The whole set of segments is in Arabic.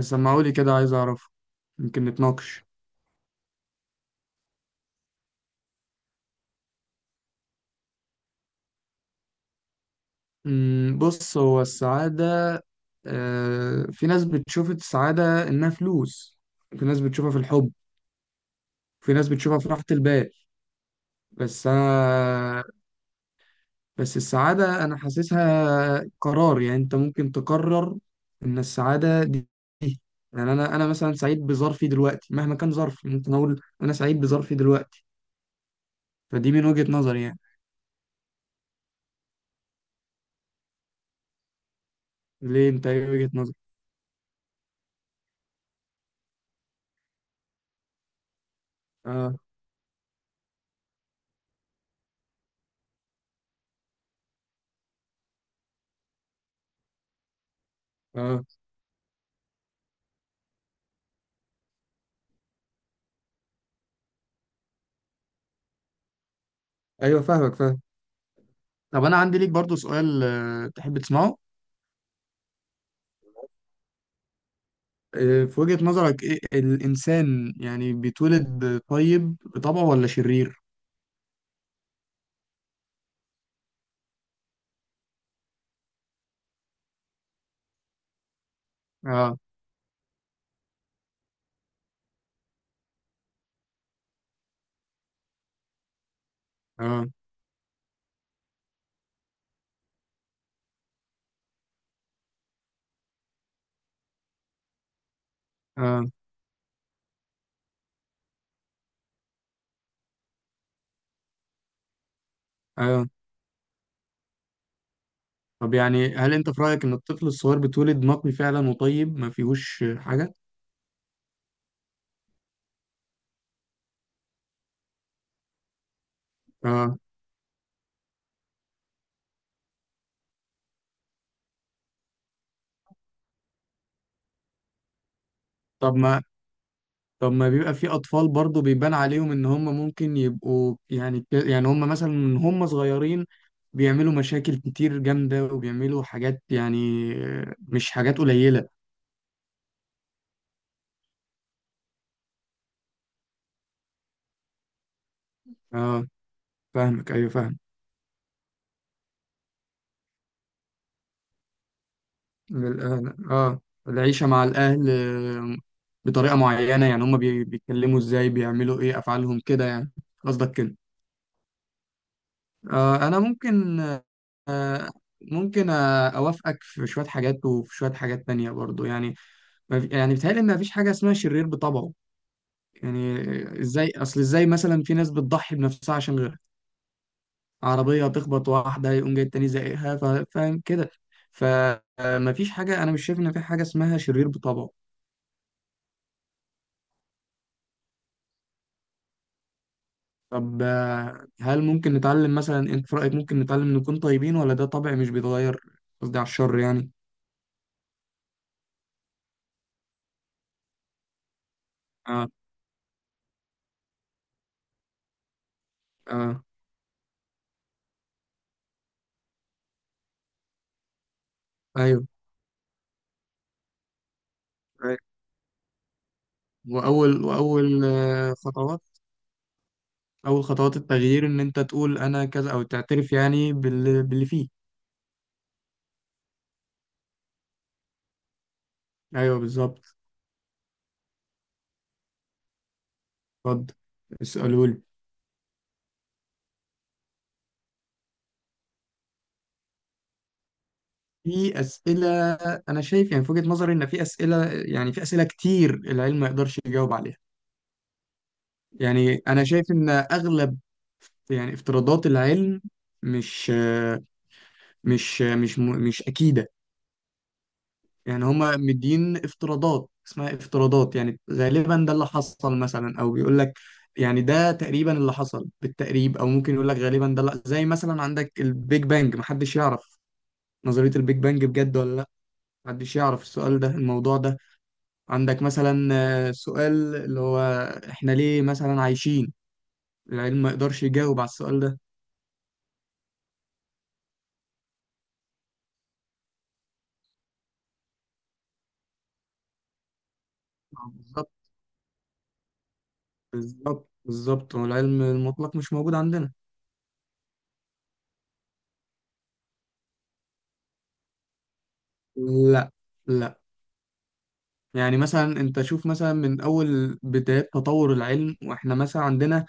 سمعولي كده، عايز أعرف. يمكن نتناقش. بص، هو السعادة. في ناس بتشوف السعادة إنها فلوس. في ناس بتشوفها في الحب. في ناس بتشوفها في راحة البال. بس أنا بس السعادة أنا حاسسها قرار، يعني أنت ممكن تقرر إن السعادة دي. يعني أنا مثلا سعيد بظرفي دلوقتي، مهما كان ظرفي ممكن أقول أنا سعيد بظرفي دلوقتي. فدي من وجهة نظري يعني. ليه؟ أنت إيه وجهة نظرك؟ آه. آه. أيوه، فاهمك، فاهم. طب، انا عندي ليك برضو سؤال، تحب تسمعه؟ في وجهة نظرك، ايه الانسان، يعني بيتولد طيب بطبعه ولا شرير؟ اه. اه. اه. اه. طب، يعني هل انت في رأيك ان الطفل الصغير بيتولد نقي فعلا وطيب ما فيهوش حاجة؟ اه. طب ما طب ما بيبقى في اطفال برضو بيبان عليهم ان هم ممكن يبقوا، يعني هم مثلا من هم صغيرين بيعملوا مشاكل كتير جامدة، وبيعملوا حاجات يعني، مش حاجات قليلة. اه، فاهمك، ايوه، فاهم. للأهل اه. العيشة مع الأهل بطريقة معينة، يعني هما بيتكلموا ازاي، بيعملوا ايه، أفعالهم كده يعني، قصدك كده؟ آه. أنا ممكن. ممكن أوافقك في شوية حاجات وفي شوية حاجات تانية برضو يعني. ما في- يعني بيتهيألي إن مفيش حاجة اسمها شرير بطبعه. يعني أصل ازاي مثلا في ناس بتضحي بنفسها عشان غيرها، عربية تخبط واحدة يقوم جاي التاني زقها، فاهم كده. فمفيش حاجة أنا مش شايف إن في حاجة اسمها شرير بطبعه. طب، هل ممكن نتعلم؟ مثلا انت في رأيك ممكن نتعلم نكون طيبين ولا ده طبع مش بيتغير؟ قصدي على الشر يعني. اه. اه. ايوه. أيوة. واول واول خطوات. اول خطوات التغيير ان انت تقول انا كذا، او تعترف يعني باللي فيه. ايوه، بالظبط. اتفضل، اسالوا لي. في اسئله. انا شايف يعني في وجهه نظري ان في اسئله كتير العلم ما يقدرش يجاوب عليها. يعني انا شايف ان اغلب، يعني افتراضات العلم، مش آه، مش مش م- مش أكيدة. يعني هما مدين افتراضات اسمها افتراضات، يعني غالبا ده اللي حصل مثلا، أو بيقول لك يعني ده تقريبا اللي حصل بالتقريب، أو ممكن يقول لك غالبا ده. لا، زي مثلا عندك البيج بانج، محدش يعرف نظرية البيج بانج بجد ولا لا. محدش يعرف السؤال ده، الموضوع ده. عندك مثلا سؤال اللي هو احنا ليه مثلا عايشين؟ العلم ما يقدرش يجاوب على السؤال ده. بالظبط. بالظبط، بالظبط. والعلم المطلق مش موجود عندنا. لا، لا. يعني مثلا انت شوف، مثلا من اول بدايات تطور العلم، واحنا مثلا عندنا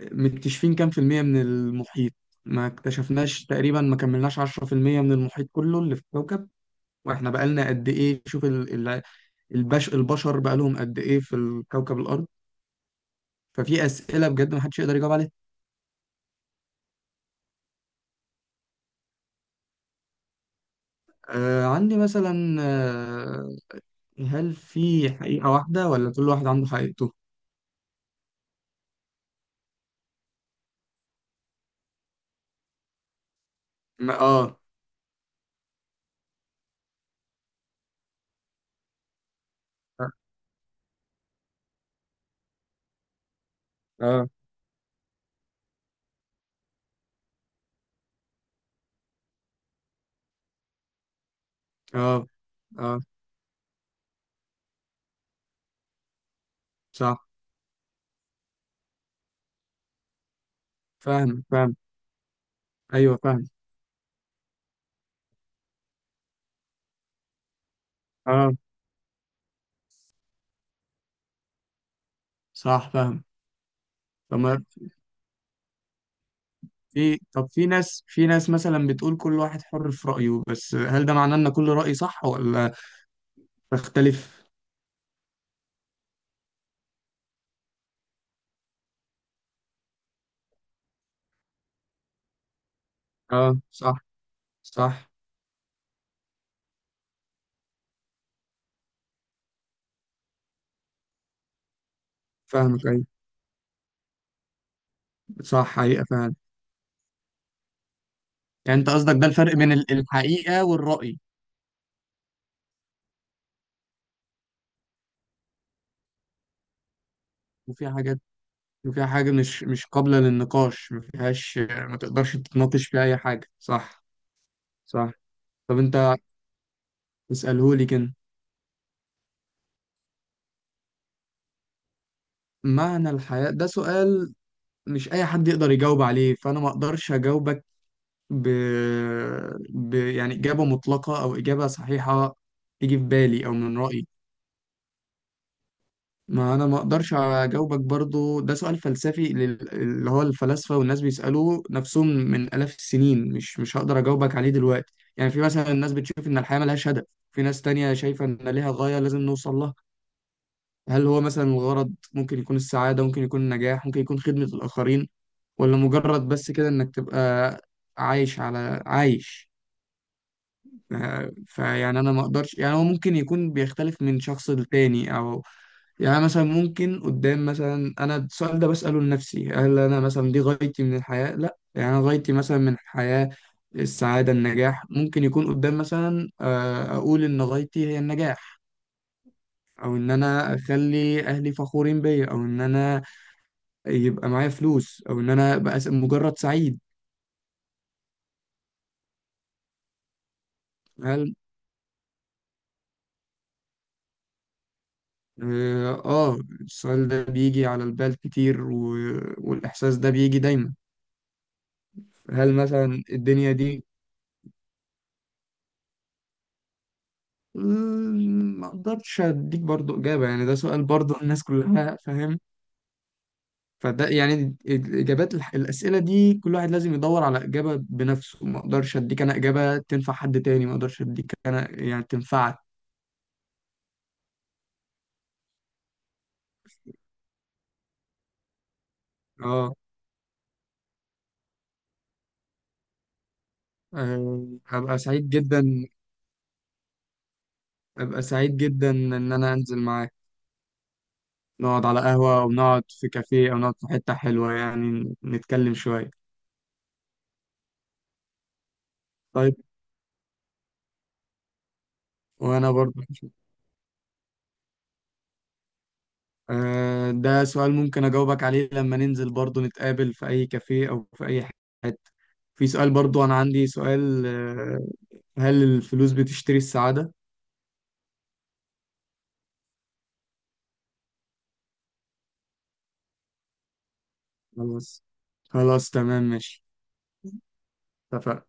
مكتشفين كام في المية من المحيط؟ ما اكتشفناش تقريبا، ما كملناش 10% من المحيط كله اللي في الكوكب. واحنا بقالنا قد ايه؟ شوف البشر بقالهم قد ايه في الكوكب الارض. ففي اسئلة بجد ما حدش يقدر يجاوب عليها. آه، عندي مثلا. هل في حقيقة واحدة ولا كل واحد عنده حقيقته؟ اه. اه. اه. اه. صح، فاهم. فاهم. ايوه، فاهم. اه، صح، فاهم. طب ما في ناس مثلا بتقول كل واحد حر في رأيه، بس هل ده معناه ان كل رأي صح ولا تختلف؟ اه، صح. صح، فاهمك، ايوه، صح، حقيقة فعلا. يعني انت قصدك ده الفرق بين الحقيقة والرأي؟ وفي حاجات وفي حاجة مش قابلة للنقاش، ما فيهاش، ما تقدرش تتناقش فيها اي حاجة، صح؟ صح. طب، انت اسألهولي كده. معنى الحياة ده سؤال مش اي حد يقدر يجاوب عليه، فانا ما اقدرش اجاوبك ب... يعني إجابة مطلقة أو إجابة صحيحة تيجي في بالي أو من رأيي. ما أنا ما أقدرش أجاوبك برضو، ده سؤال فلسفي اللي هو الفلاسفة والناس بيسألوه نفسهم من آلاف السنين، مش هقدر أجاوبك عليه دلوقتي، يعني في مثلا الناس بتشوف إن الحياة ملهاش هدف. في ناس تانية شايفة إن ليها غاية لازم نوصل لها. هل هو مثلا الغرض ممكن يكون السعادة، ممكن يكون النجاح، ممكن يكون خدمة الآخرين، ولا مجرد بس كده إنك تبقى عايش على عايش؟ فيعني انا ما اقدرش، يعني هو ممكن يكون بيختلف من شخص للتاني او. يعني مثلا ممكن قدام، مثلا انا السؤال ده بسأله لنفسي، هل انا مثلا دي غايتي من الحياة؟ لا، يعني انا غايتي مثلا من الحياة السعادة، النجاح. ممكن يكون قدام مثلا اقول ان غايتي هي النجاح، او ان انا اخلي اهلي فخورين بيا، او ان انا يبقى معايا فلوس، او ان انا ابقى مجرد سعيد. هل اه. السؤال ده بيجي على البال كتير والإحساس ده بيجي دايما. هل مثلا الدنيا دي ما اقدرش اديك برضو إجابة، يعني ده سؤال برضو الناس كلها، فاهم؟ فده يعني الأسئلة دي كل واحد لازم يدور على إجابة بنفسه. ما اقدرش اديك انا إجابة تنفع حد تاني، ما اقدرش اديك انا يعني تنفعك. اه. هبقى سعيد جدا. هبقى سعيد جدا ان انا انزل معاك. نقعد على قهوة، أو نقعد في كافيه، أو نقعد في حتة حلوة، يعني نتكلم شوية. طيب. وأنا برضه ده سؤال ممكن أجاوبك عليه لما ننزل برضه، نتقابل في أي كافيه أو في أي حتة. في سؤال برضه أنا عندي سؤال، هل الفلوس بتشتري السعادة؟ خلاص. خلاص، تمام، ماشي. اتفقنا.